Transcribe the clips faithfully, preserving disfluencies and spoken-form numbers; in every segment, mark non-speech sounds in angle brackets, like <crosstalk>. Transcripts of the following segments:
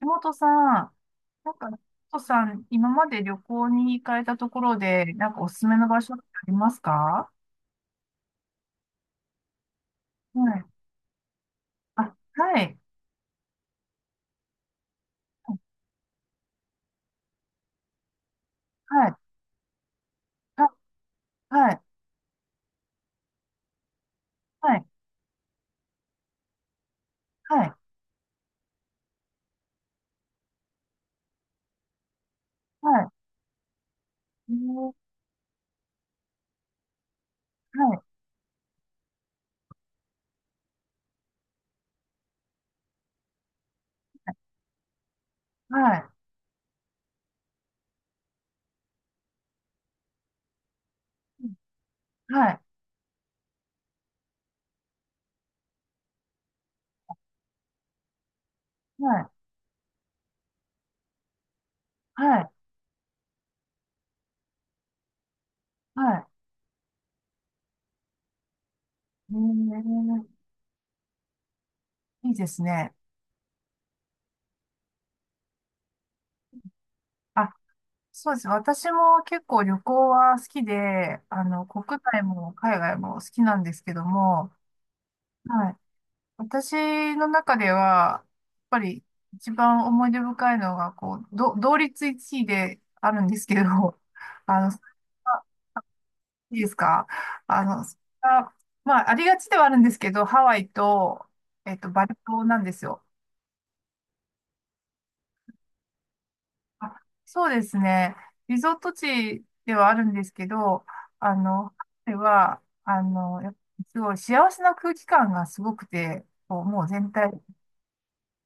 橋本さん、なんか、橋本さん、今まで旅行に行かれたところで、なんかおすすめの場所ってありますか？はい。あ、はい。はい。はい。はい。はい。はい。はい。えーはい。はい。はい。はい。はい。はい。えーいいですね。あ、そうです。私も結構旅行は好きで、あの、国内も海外も好きなんですけども、はい。私の中では、やっぱり一番思い出深いのが、こう、ど同率一位であるんですけど、<laughs> あの、あ、いいですか？あの、それが、まあ、ありがちではあるんですけど、ハワイと、えっと、バリ島なんですよ。あ、そうですね。リゾート地ではあるんですけど、あの、ハワイは、あの、やっぱすごい幸せな空気感がすごくて、こうもう全体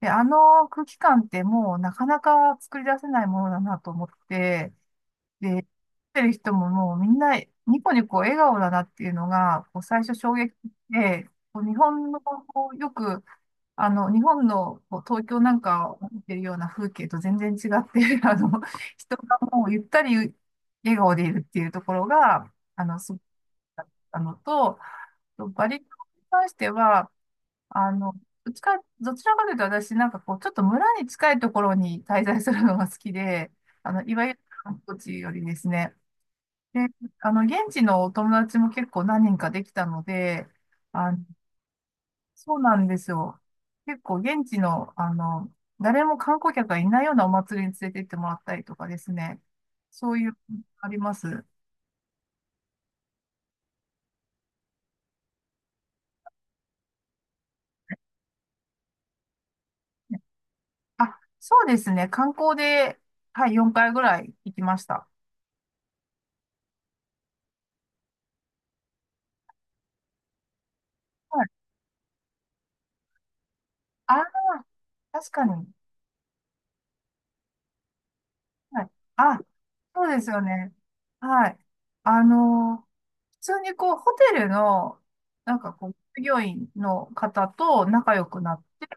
で、あの空気感ってもうなかなか作り出せないものだなと思って、で、見てる人ももうみんなニコニコ笑顔だなっていうのが、こう最初衝撃で、こう日本の、こうよく、あの、日本のこう東京なんかを見てるような風景と全然違って、<laughs> あの、人がもうゆったり笑顔でいるっていうところが、あの、す、あのと、バリ島に関しては、あの、どっちか、どちらかというと私、なんかこう、ちょっと村に近いところに滞在するのが好きで、あの、いわゆる観光地よりですね。で、あの、現地のお友達も結構何人かできたので、あの、そうなんですよ。結構現地の、あの、誰も観光客がいないようなお祭りに連れて行ってもらったりとかですね。そういう、あります。あ、そうですね。観光で、はい、よんかいぐらい行きました。はい。あ、確かに。はい。あ、そうですよね。はい。あの、普通にこう、ホテルの、なんかこう、従業員の方と仲良くなって、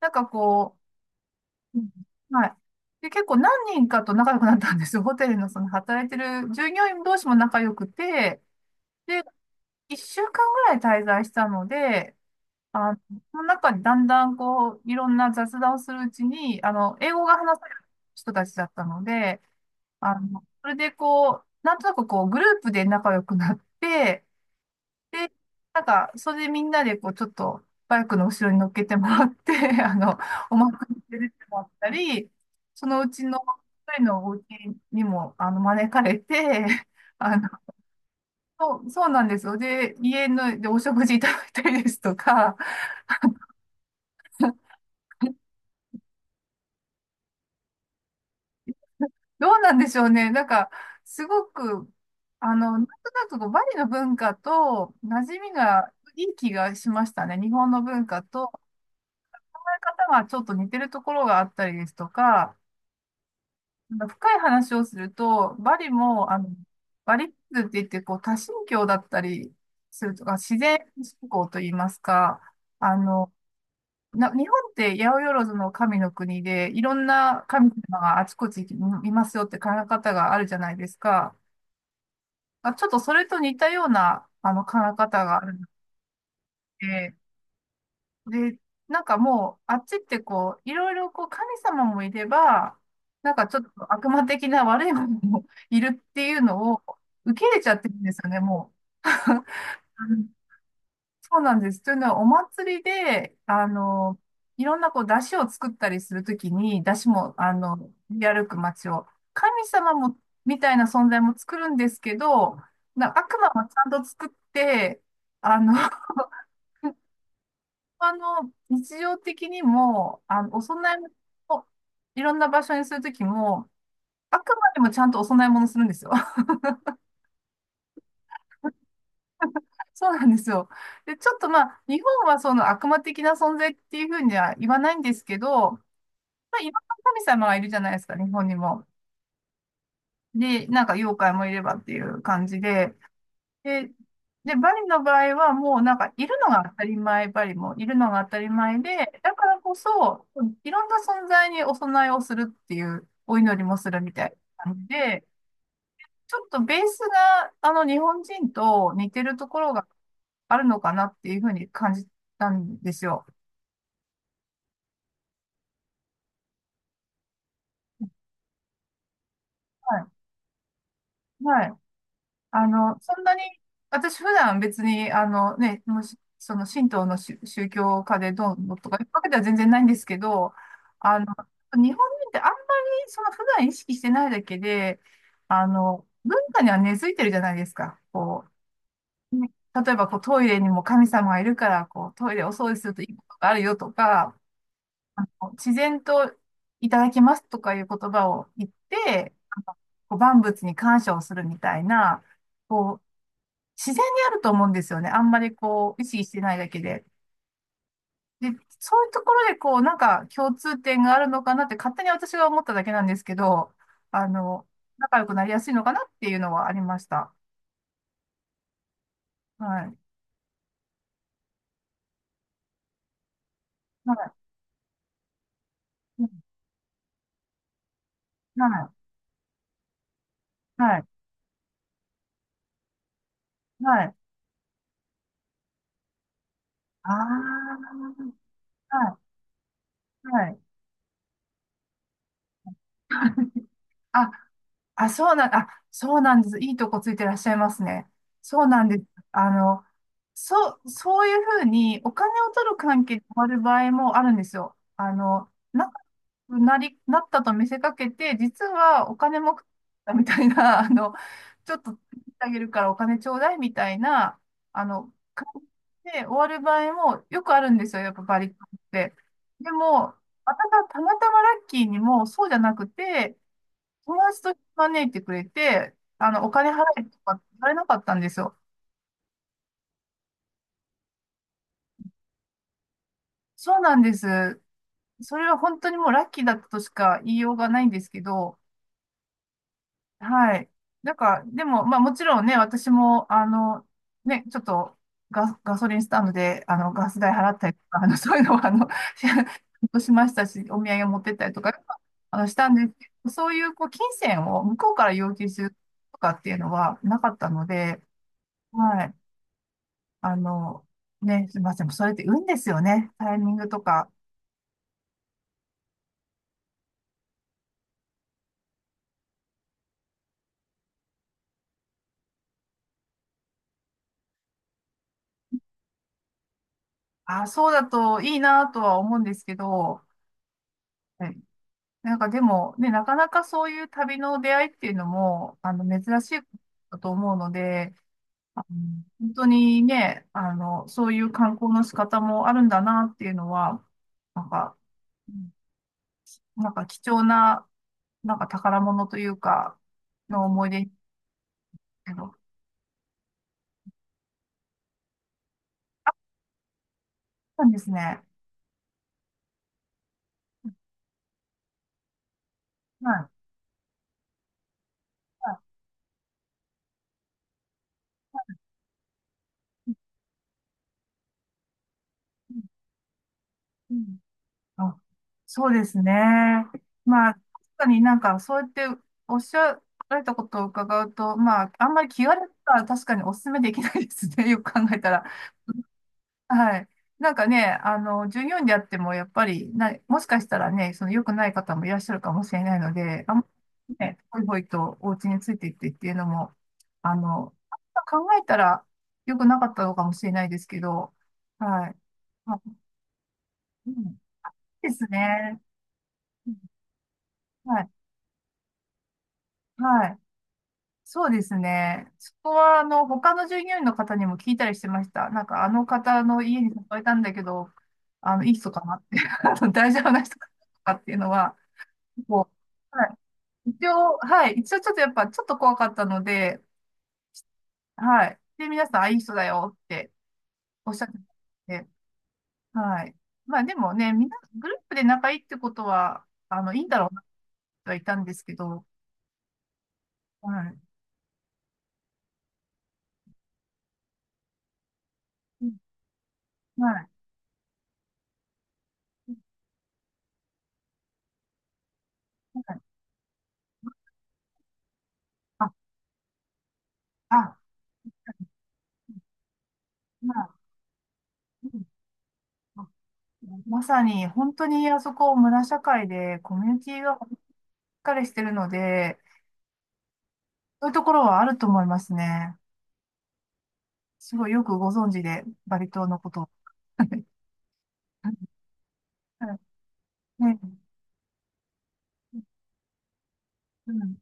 なんかこう、うん、はい。で、結構何人かと仲良くなったんですよ。ホテルのその働いてる従業員同士も仲良くて、で、いっしゅうかんぐらい滞在したので、あの、その中にだんだんこう、いろんな雑談をするうちに、あの、英語が話せる人たちだったので、あの、それでこう、なんとなくこう、グループで仲良くなって、で、なんか、それでみんなでこう、ちょっと、バイクの後ろに乗っけてもらって、<laughs> あの、お祭りに出てもらったり、そのうちの一人のお家にも、あの、招かれて、<laughs> あの、そう、そうなんですよ。で、家の、で、お食事いただいたりですとか、どうなんでしょうね。なんか、すごく、あの、なんとなくこうバリの文化と馴染みがいい気がしましたね。日本の文化と、考え方がちょっと似てるところがあったりですとか、なんか深い話をすると、バリも、あの、バリッズって言って、こう、多神教だったりするとか、自然信仰といいますか、あの、な、日本って八百万の神の国で、いろんな神様があちこちにいますよって考え方があるじゃないですか。あ、ちょっとそれと似たような、あの、考え方があるので、で、なんかもう、あっちってこう、いろいろこう、神様もいれば、なんかちょっと悪魔的な悪いものも <laughs> いるっていうのを受け入れちゃってるんですよね、もう。うん、そうなんです。というのは、お祭りで、あの、いろんなこう、出汁を作ったりするときに、出汁も、あの、練り歩く街を、神様も、みたいな存在も作るんですけど、な悪魔もちゃんと作って、あの、あの、日常的にも、あの、お供え物をいろんな場所にするときも、あくまでもちゃんとお供え物するんですよ。<laughs> そうなんですよ。で、ちょっとまあ、日本はその悪魔的な存在っていうふうには言わないんですけど、まあ、いろんな神様がいるじゃないですか、日本にも。で、なんか妖怪もいればっていう感じで、で、で、バリの場合はもうなんかいるのが当たり前、バリもいるのが当たり前で、だからこそ、いろんな存在にお供えをするっていう、お祈りもするみたいな感じで、ちょっとベースがあの日本人と似てるところがあるのかなっていうふうに感じたんですよ。はい。はい。あの、そんなに、私普段別に、あのね、もしその神道の宗宗教家でどうのとかいうわけでは全然ないんですけど、あの、日本人ってあんまりその普段意識してないだけで、あの、文化には根付いてるじゃないですか。こう、ね、例えばこうトイレにも神様がいるから、こうトイレお掃除するといいことがあるよとか、あの自然といただきますとかいう言葉を言って、あのこう万物に感謝をするみたいな、こう、自然にあると思うんですよね。あんまりこう、意識してないだけで。で、そういうところでこう、なんか共通点があるのかなって勝手に私が思っただけなんですけど、あの、仲良くなりやすいのかなっていうのはありました。はい。はい。うん、はい。はい。はい。ああ。はい。はい。<laughs> ああ、そうなん、あ、そうなんです。いいとこついてらっしゃいますね。そうなんです。あの、そう、そういうふうにお金を取る関係に終わる場合もあるんですよ。あの、仲良くなり、なったと見せかけて、実はお金もだみたいな、<laughs> あの、ちょっと手伝ってあげるからお金ちょうだいみたいな、あの、感じで終わる場合もよくあるんですよ。やっぱバリカンって。でも、私はたまたまラッキーにもそうじゃなくて、友達と招いてくれて、あの、お金払えとか言われなかったんですよ。そうなんです。それは本当にもうラッキーだったとしか言いようがないんですけど、はい。なんか、でも、まあもちろんね、私も、あの、ね、ちょっとガ、ガソリンスタンドで、あの、ガス代払ったりとか、あの、そういうのは、あの、<laughs> しましたし、お土産持ってったりとか、あの、したんですけど、そういう、こう、金銭を向こうから要求するとかっていうのはなかったので、はい。あの、ね、すみません。それって運ですよね。タイミングとか。あ、そうだといいなとは思うんですけど、はい。なんかでも、ね、なかなかそういう旅の出会いっていうのも、あの、珍しいことだと思うので、あの本当にね、あの、そういう観光の仕方もあるんだなっていうのは、なんか、うん、なんか貴重な、なんか宝物というか、の思い出ですけど、そうなんですね。はい。はい。うん、うん。あ、そうですね。まあ、確かになんか、そうやっておっしゃられたことを伺うと、まあ、あんまり気軽には確かにお勧めできないですね。<laughs> よく考えたら。はい。なんかね、あの、従業員であっても、やっぱりな、もしかしたらね、その良くない方もいらっしゃるかもしれないので、あんまりね、ほいほいとお家についていってっていうのも、あの、考えたら良くなかったのかもしれないですけど、はい。まあ、うん、いいですね。うん、はい、はい。そうですね。そこは、あの、他の従業員の方にも聞いたりしてました。なんか、あの方の家に誘えたんだけど、あの、いい人かなって、<laughs> あの大丈夫な人かなっていうのは、もう、はい。一応、はい。一応、ちょっとやっぱ、ちょっと怖かったので、はい。で、皆さん、あ、いい人だよっておっしゃってて、はい。まあ、でもね、みんな、グループで仲いいってことは、あの、いいんだろうなってはいたんですけど、はい。うん、はい。はい。あ、あ、まあ、うん、まさに、本当にあそこ、村社会で、コミュニティがしっかりしてるので、そういうところはあると思いますね。すごいよくご存知で、バリ島のことを。<laughs> はい、ね、うん、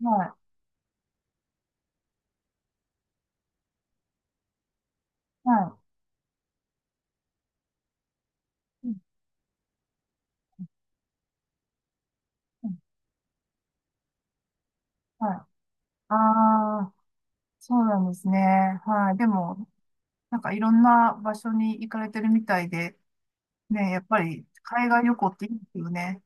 はい、はい、うん、うん、はい。ああ、そうなんですね。はい。でも、なんかいろんな場所に行かれてるみたいで、ね、やっぱり海外旅行っていいですよね。